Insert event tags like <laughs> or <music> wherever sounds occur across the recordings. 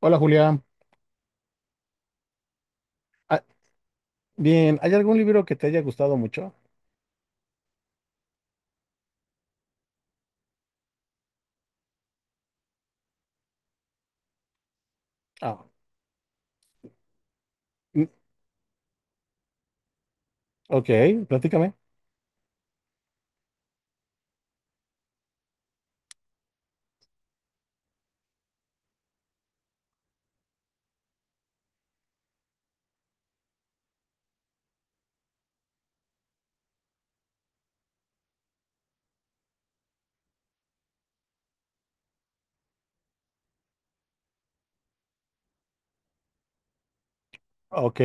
Hola, Julia. Ah, bien, ¿hay algún libro que te haya gustado mucho? Ah. Mm. Ok, platícame. Ok.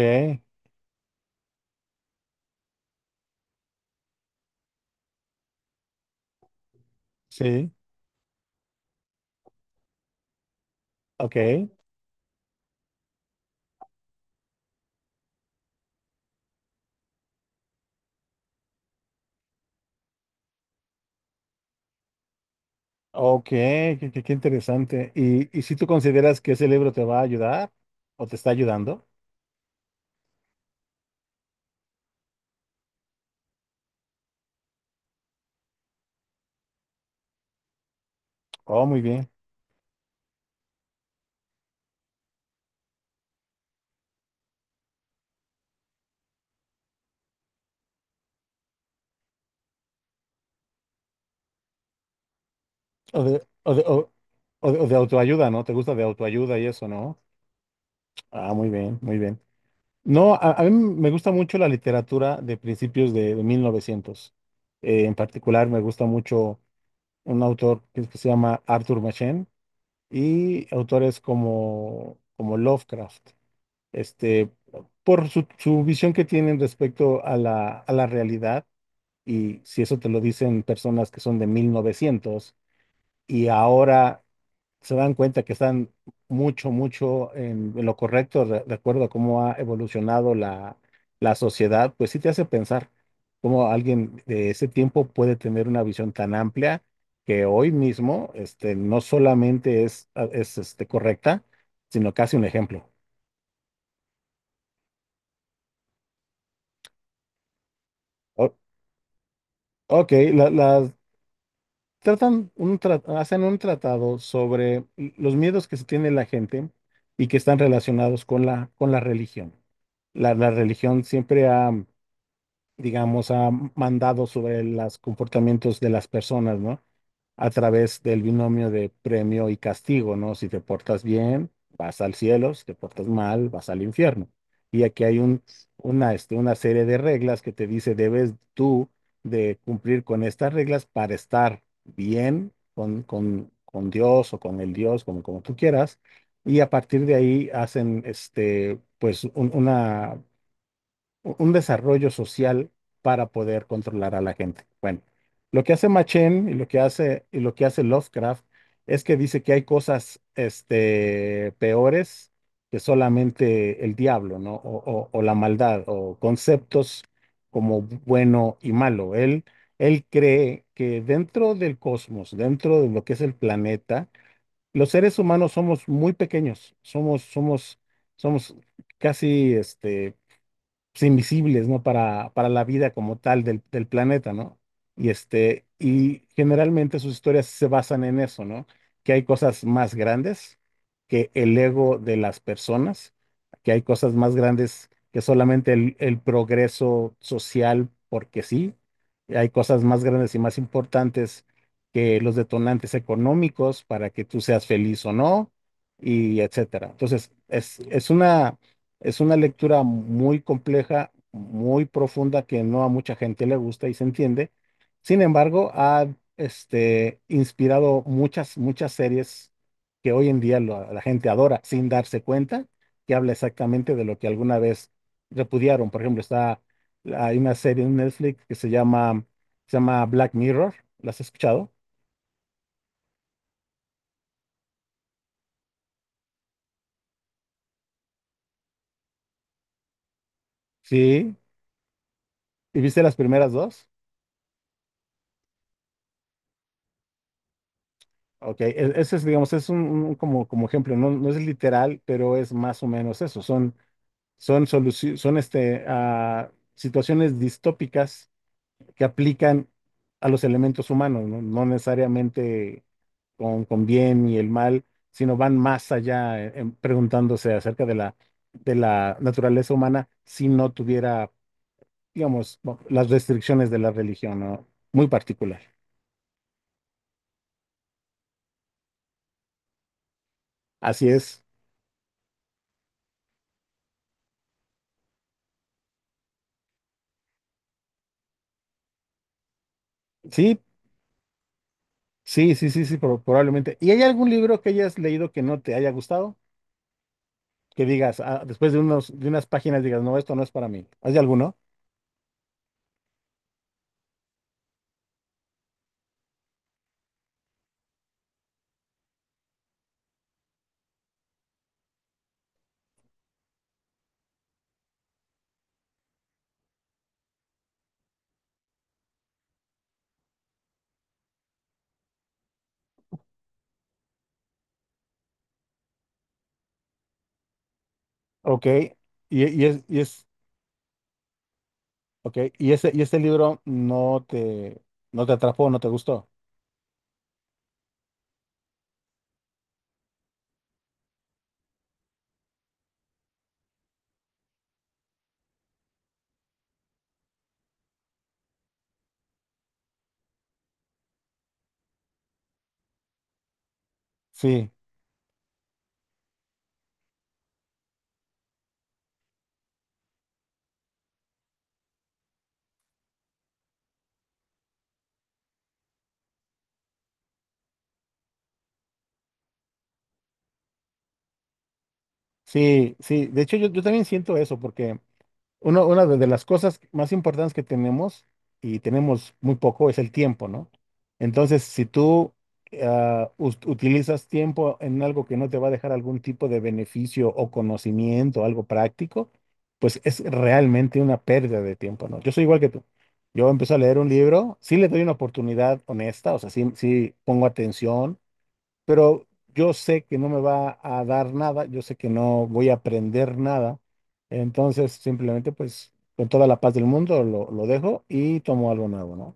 Sí. Ok, ok, qué interesante. ¿Y si tú consideras que ese libro te va a ayudar o te está ayudando? Oh, muy bien. O de, o de- o- o de- o de autoayuda, ¿no? ¿Te gusta de autoayuda y eso, no? Ah, muy bien, muy bien. No, a mí me gusta mucho la literatura de principios de 1900. En particular, me gusta mucho. Un autor que se llama Arthur Machen y autores como Lovecraft, este, por su visión que tienen respecto a la realidad, y si eso te lo dicen personas que son de 1900 y ahora se dan cuenta que están mucho, mucho en lo correcto de acuerdo a cómo ha evolucionado la sociedad, pues sí te hace pensar cómo alguien de ese tiempo puede tener una visión tan amplia que hoy mismo, no solamente es correcta, sino casi un ejemplo. O- ok, la- las tratan un tra- hacen un tratado sobre los miedos que se tiene la gente y que están relacionados con la religión. La religión siempre ha, digamos, ha mandado sobre los comportamientos de las personas, ¿no? A través del binomio de premio y castigo, ¿no? Si te portas bien, vas al cielo; si te portas mal, vas al infierno. Y aquí hay una serie de reglas que te dice, debes tú de cumplir con estas reglas para estar bien con Dios, o con el Dios, como tú quieras. Y a partir de ahí hacen, pues, un desarrollo social para poder controlar a la gente. Bueno, lo que hace Machen y lo que hace Lovecraft es que dice que hay cosas, peores que solamente el diablo, ¿no? O la maldad, o conceptos como bueno y malo. Él cree que dentro del cosmos, dentro de lo que es el planeta, los seres humanos somos muy pequeños, somos casi, pues, invisibles, ¿no? Para la vida como tal del planeta, ¿no? Y generalmente sus historias se basan en eso, ¿no? Que hay cosas más grandes que el ego de las personas, que hay cosas más grandes que solamente el progreso social, porque sí, hay cosas más grandes y más importantes que los detonantes económicos para que tú seas feliz o no, y etcétera. Entonces, es una lectura muy compleja, muy profunda, que no a mucha gente le gusta y se entiende. Sin embargo, ha, inspirado muchas, muchas series que hoy en día la gente adora sin darse cuenta, que habla exactamente de lo que alguna vez repudiaron. Por ejemplo, está, hay una serie en Netflix que se llama Black Mirror. ¿La has escuchado? Sí. ¿Y viste las primeras dos? Ok, ese es, digamos, es un como, ejemplo, no, no es literal, pero es más o menos eso. Son situaciones distópicas que aplican a los elementos humanos, no, no necesariamente con bien y el mal, sino van más allá en preguntándose acerca de la naturaleza humana si no tuviera, digamos, bueno, las restricciones de la religión, ¿no? Muy particular. Así es. Sí. Sí, sí, sí, sí, probablemente. ¿Y hay algún libro que hayas leído que no te haya gustado? Que digas, ah, después de unas páginas digas, no, esto no es para mí. ¿Hay alguno? Ok. Y, y es, y es, ok. Y ese, y este libro no te atrapó, no te gustó. Sí, sí, sí. De hecho, yo también siento eso, porque una de las cosas más importantes que tenemos, y tenemos muy poco, es el tiempo, ¿no? Entonces, si tú utilizas tiempo en algo que no te va a dejar algún tipo de beneficio o conocimiento, algo práctico, pues es realmente una pérdida de tiempo, ¿no? Yo soy igual que tú. Yo empiezo a leer un libro, sí le doy una oportunidad honesta, o sea, sí, sí pongo atención, pero yo sé que no me va a dar nada, yo sé que no voy a aprender nada, entonces simplemente, pues, con toda la paz del mundo lo dejo y tomo algo nuevo, ¿no?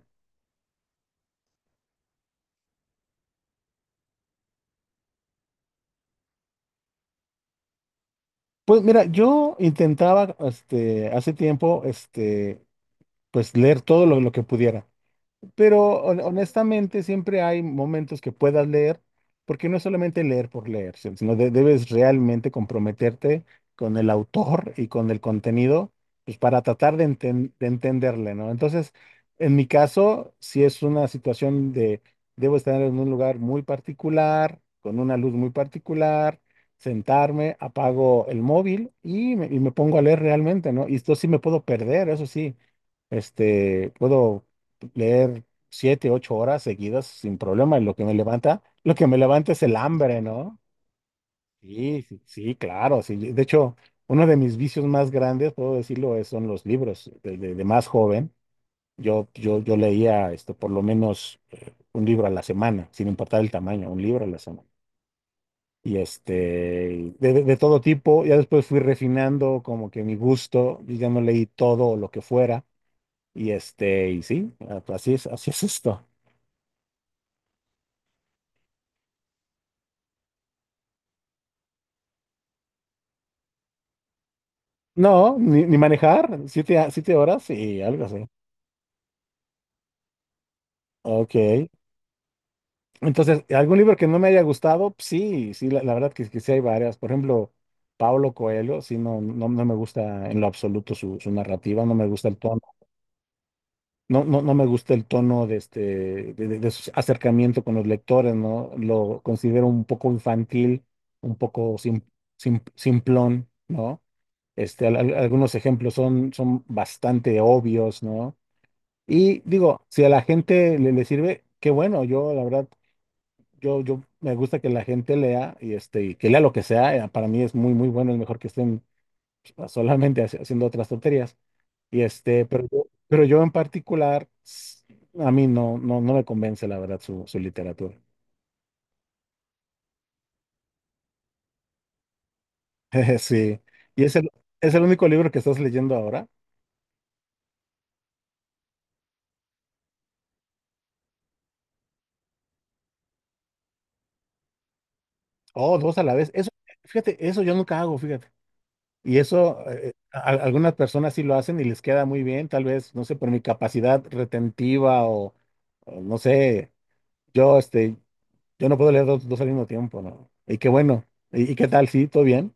Pues mira, yo intentaba, hace tiempo, pues leer todo lo que pudiera. Pero honestamente siempre hay momentos que puedas leer, porque no es solamente leer por leer, sino debes realmente comprometerte con el autor y con el contenido, pues para tratar de entenderle, ¿no? Entonces, en mi caso, si es una situación de: debo estar en un lugar muy particular, con una luz muy particular, sentarme, apago el móvil y me pongo a leer realmente, ¿no? Y esto sí me puedo perder, eso sí, puedo leer 7, 8 horas seguidas sin problema. Y lo que me levanta, lo que me levanta es el hambre, ¿no? Sí, sí, sí, claro, sí. De hecho, uno de mis vicios más grandes, puedo decirlo, son los libros. De más joven, yo leía esto por lo menos, un libro a la semana, sin importar el tamaño, un libro a la semana. Y este, de todo tipo, ya después fui refinando como que mi gusto, y ya no leí todo lo que fuera. Y sí, así es esto. No, ni manejar, 7 horas, sí, algo así. Ok. Entonces, ¿algún libro que no me haya gustado? Sí, sí, la verdad que sí hay varias. Por ejemplo, Pablo Coelho, sí, no, no, no me gusta en lo absoluto su narrativa, no me gusta el tono. No, no, no me gusta el tono de este, de su acercamiento con los lectores, ¿no? Lo considero un poco infantil, un poco simplón, ¿no? Algunos ejemplos son bastante obvios, ¿no? Y digo, si a la gente le sirve, qué bueno, yo la verdad, yo me gusta que la gente lea y que lea lo que sea, para mí es muy, muy bueno, es mejor que estén, pues, solamente haciendo otras tonterías. Pero yo en particular, a mí no, no, no me convence la verdad su literatura. <laughs> Sí. Y es el, ¿Es el único libro que estás leyendo ahora? Oh, dos a la vez. Eso, fíjate, eso yo nunca hago, fíjate. Y eso, algunas personas sí lo hacen y les queda muy bien, tal vez, no sé, por mi capacidad retentiva o no sé, yo, este, yo no puedo leer dos al mismo tiempo, ¿no? Y qué bueno. ¿Y qué tal? Sí, todo bien,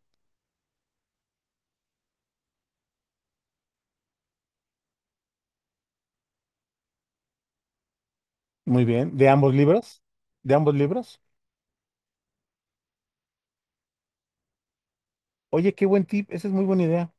muy bien. ¿De ambos libros? ¿De ambos libros? Oye, qué buen tip, esa es muy buena idea.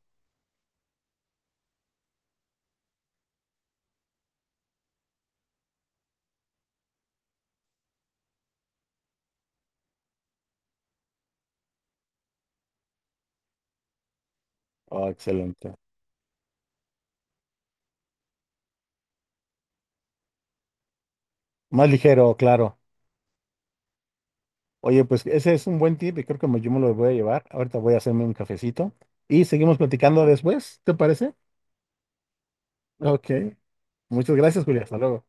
Oh, excelente. Más ligero, claro. Oye, pues ese es un buen tip y creo que yo me lo voy a llevar. Ahorita voy a hacerme un cafecito y seguimos platicando después, ¿te parece? Ok. Muchas gracias, Julia. Hasta luego.